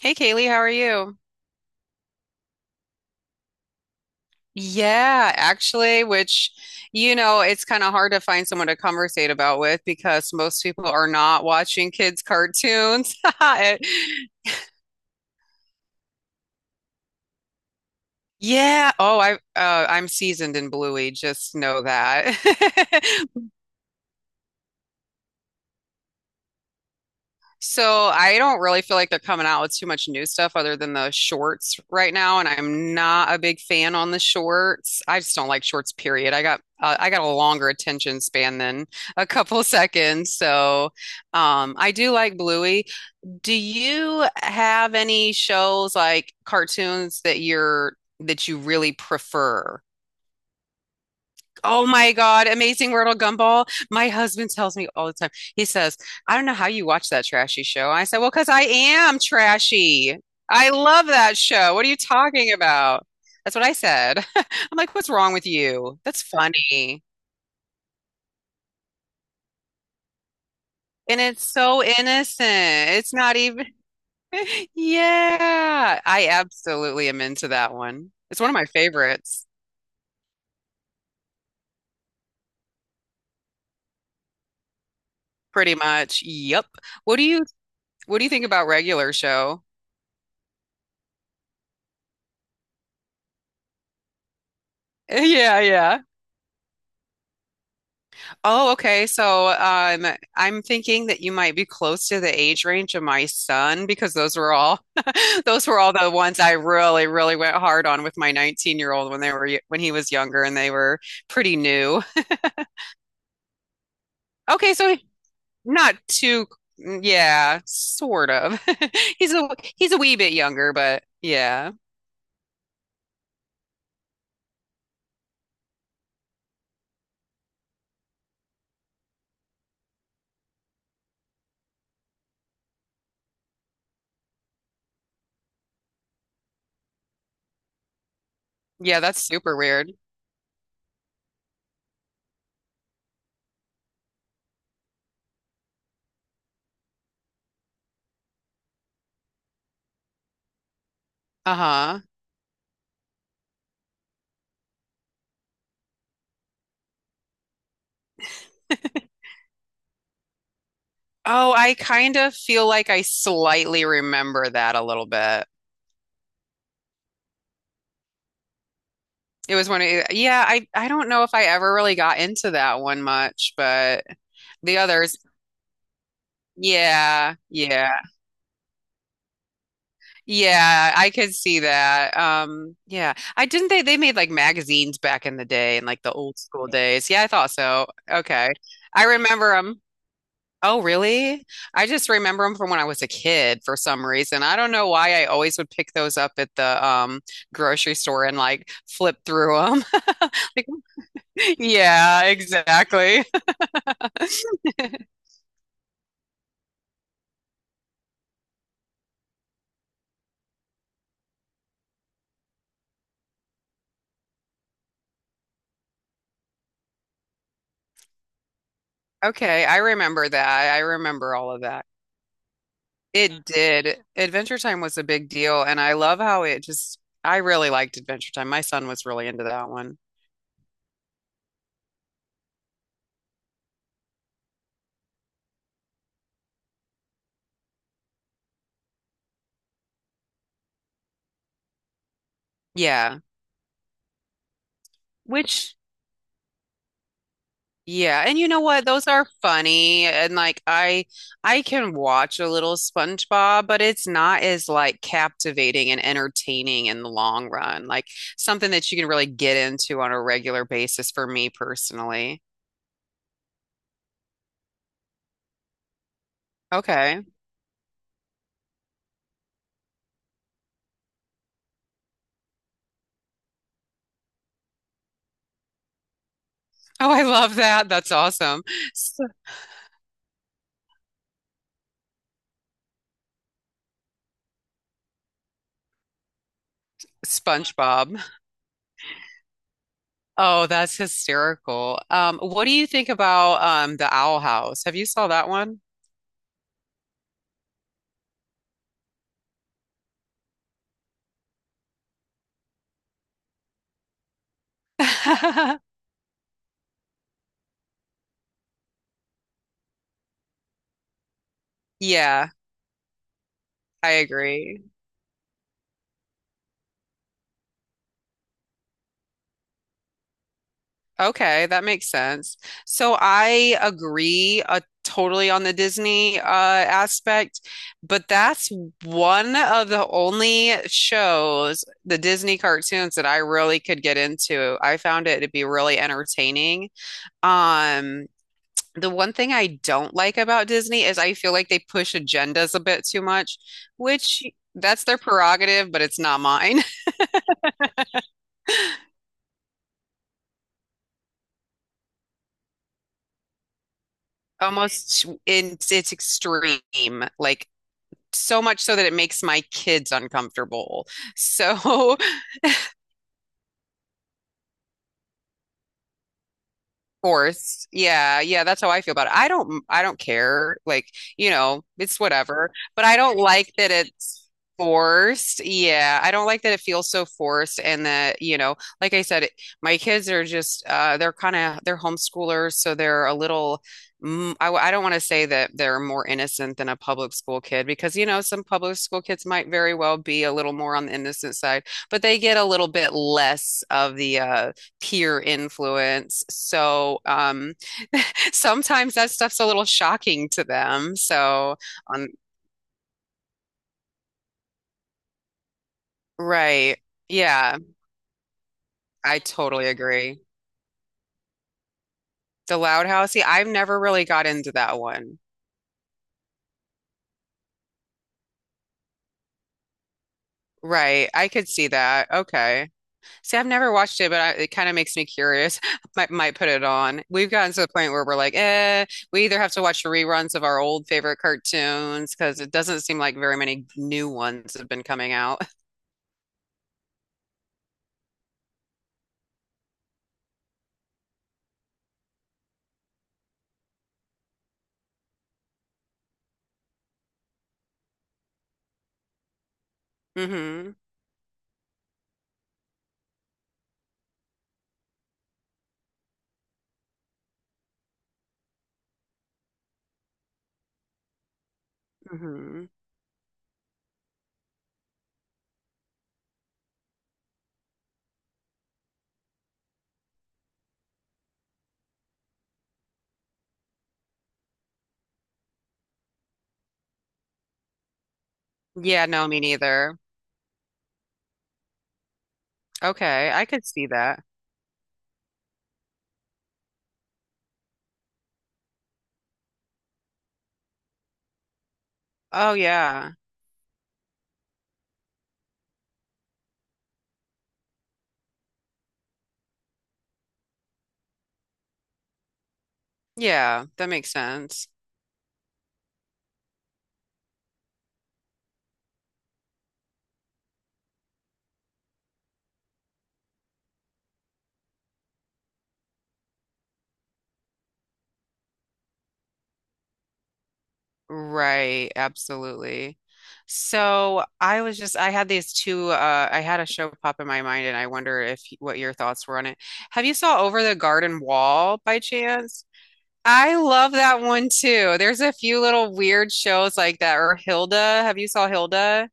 Hey Kaylee, how are you? Yeah, actually, which, it's kind of hard to find someone to conversate about with because most people are not watching kids' cartoons. It- Yeah. Oh, I'm seasoned in Bluey, just know that. So I don't really feel like they're coming out with too much new stuff other than the shorts right now, and I'm not a big fan on the shorts. I just don't like shorts, period. I got a longer attention span than a couple seconds, so I do like Bluey. Do you have any shows like cartoons that you're that you really prefer? Oh my God, Amazing World of Gumball. My husband tells me all the time. He says, I don't know how you watch that trashy show. I said, well, because I am trashy. I love that show. What are you talking about? That's what I said. I'm like, what's wrong with you? That's funny. And it's so innocent. It's not even, yeah. I absolutely am into that one. It's one of my favorites, pretty much. Yep. What do you what do you think about regular show? Yeah, yeah. Oh, okay. So, I'm thinking that you might be close to the age range of my son because those were all those were all the ones I really, really went hard on with my 19-year-old when when he was younger and they were pretty new. Okay, so not too, yeah, sort of. He's a he's a wee bit younger, but yeah. Yeah, that's super weird. Uh-huh. Oh, I kind of feel like I slightly remember that a little bit. It was one of, yeah, I don't know if I ever really got into that one much, but the others, yeah, yeah, yeah, I could see that. Yeah, I didn't they made like magazines back in the day in like the old school days. Yeah, I thought so. Okay. I remember them. Oh, really? I just remember them from when I was a kid for some reason. I don't know why I always would pick those up at the grocery store and like flip through them. Like, yeah, exactly. Okay, I remember that. I remember all of that. It. Mhm. Did. Adventure Time was a big deal, and I love how I really liked Adventure Time. My son was really into that one. Yeah. Which, yeah, and you know what? Those are funny, and I can watch a little SpongeBob, but it's not as like captivating and entertaining in the long run. Like something that you can really get into on a regular basis for me personally. Okay. Oh, I love that. That's awesome. SpongeBob. Oh, that's hysterical. What do you think about the Owl House? Have you saw that one? Yeah, I agree. Okay, that makes sense. So I agree totally on the Disney aspect, but that's one of the only shows, the Disney cartoons that I really could get into. I found it to be really entertaining. Um, The one thing I don't like about Disney is I feel like they push agendas a bit too much, which that's their prerogative, but it's not mine. Almost it's extreme, like so much so that it makes my kids uncomfortable. So forced. Yeah, yeah, that's how I feel about it. I don't care. Like, it's whatever. But I don't like that it's forced. Yeah, I don't like that it feels so forced and that, like I said, my kids are just they're kind of they're homeschoolers, so they're a little I don't want to say that they're more innocent than a public school kid because, some public school kids might very well be a little more on the innocent side, but they get a little bit less of the peer influence. So sometimes that stuff's a little shocking to them. So on, right. Yeah, I totally agree. The Loud House, see, I've never really got into that one. Right. I could see that. Okay. See, I've never watched it, but I, it kind of makes me curious. Might put it on. We've gotten to the point where we're like, eh, we either have to watch reruns of our old favorite cartoons because it doesn't seem like very many new ones have been coming out. hmm hmm Yeah, no, me neither. Okay, I could see that. Oh, yeah. Yeah, that makes sense. Right, absolutely. So I was just, I had these two, I had a show pop in my mind and I wonder if what your thoughts were on it. Have you saw Over the Garden Wall by chance? I love that one too. There's a few little weird shows like that. Or Hilda. Have you saw Hilda?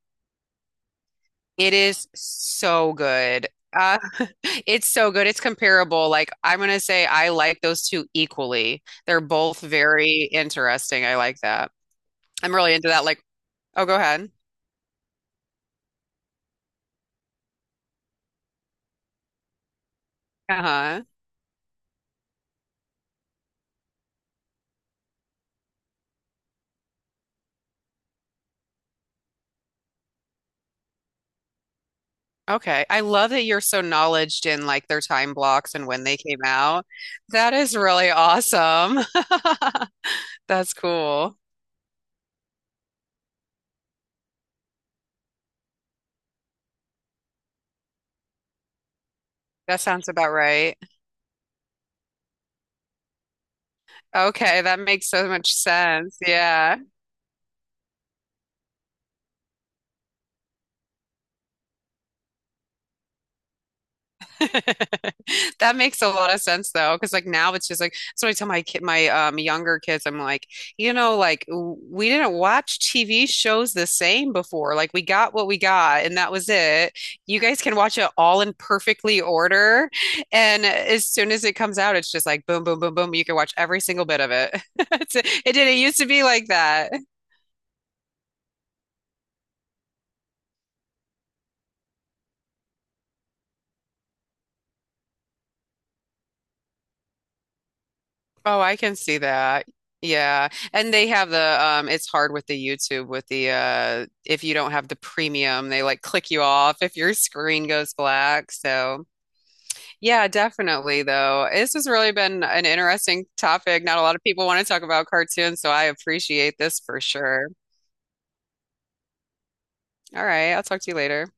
It is so good. Uh, it's so good. It's comparable. Like, I'm gonna say I like those two equally. They're both very interesting. I like that. I'm really into that. Like, oh, go ahead. Uh-huh. Okay. I love that you're so knowledged in like their time blocks and when they came out. That is really awesome. That's cool. That sounds about right. Okay, that makes so much sense. Yeah. That makes a lot of sense though, because like now it's just like so I tell my kid, my younger kids, I'm like, like we didn't watch TV shows the same before. Like we got what we got, and that was it. You guys can watch it all in perfectly order, and as soon as it comes out, it's just like boom, boom, boom, boom. You can watch every single bit of it. It's- It didn't used to be like that. Oh, I can see that. Yeah. And they have the it's hard with the YouTube with the if you don't have the premium, they like click you off if your screen goes black. So, yeah, definitely though. This has really been an interesting topic. Not a lot of people want to talk about cartoons, so I appreciate this for sure. All right, I'll talk to you later.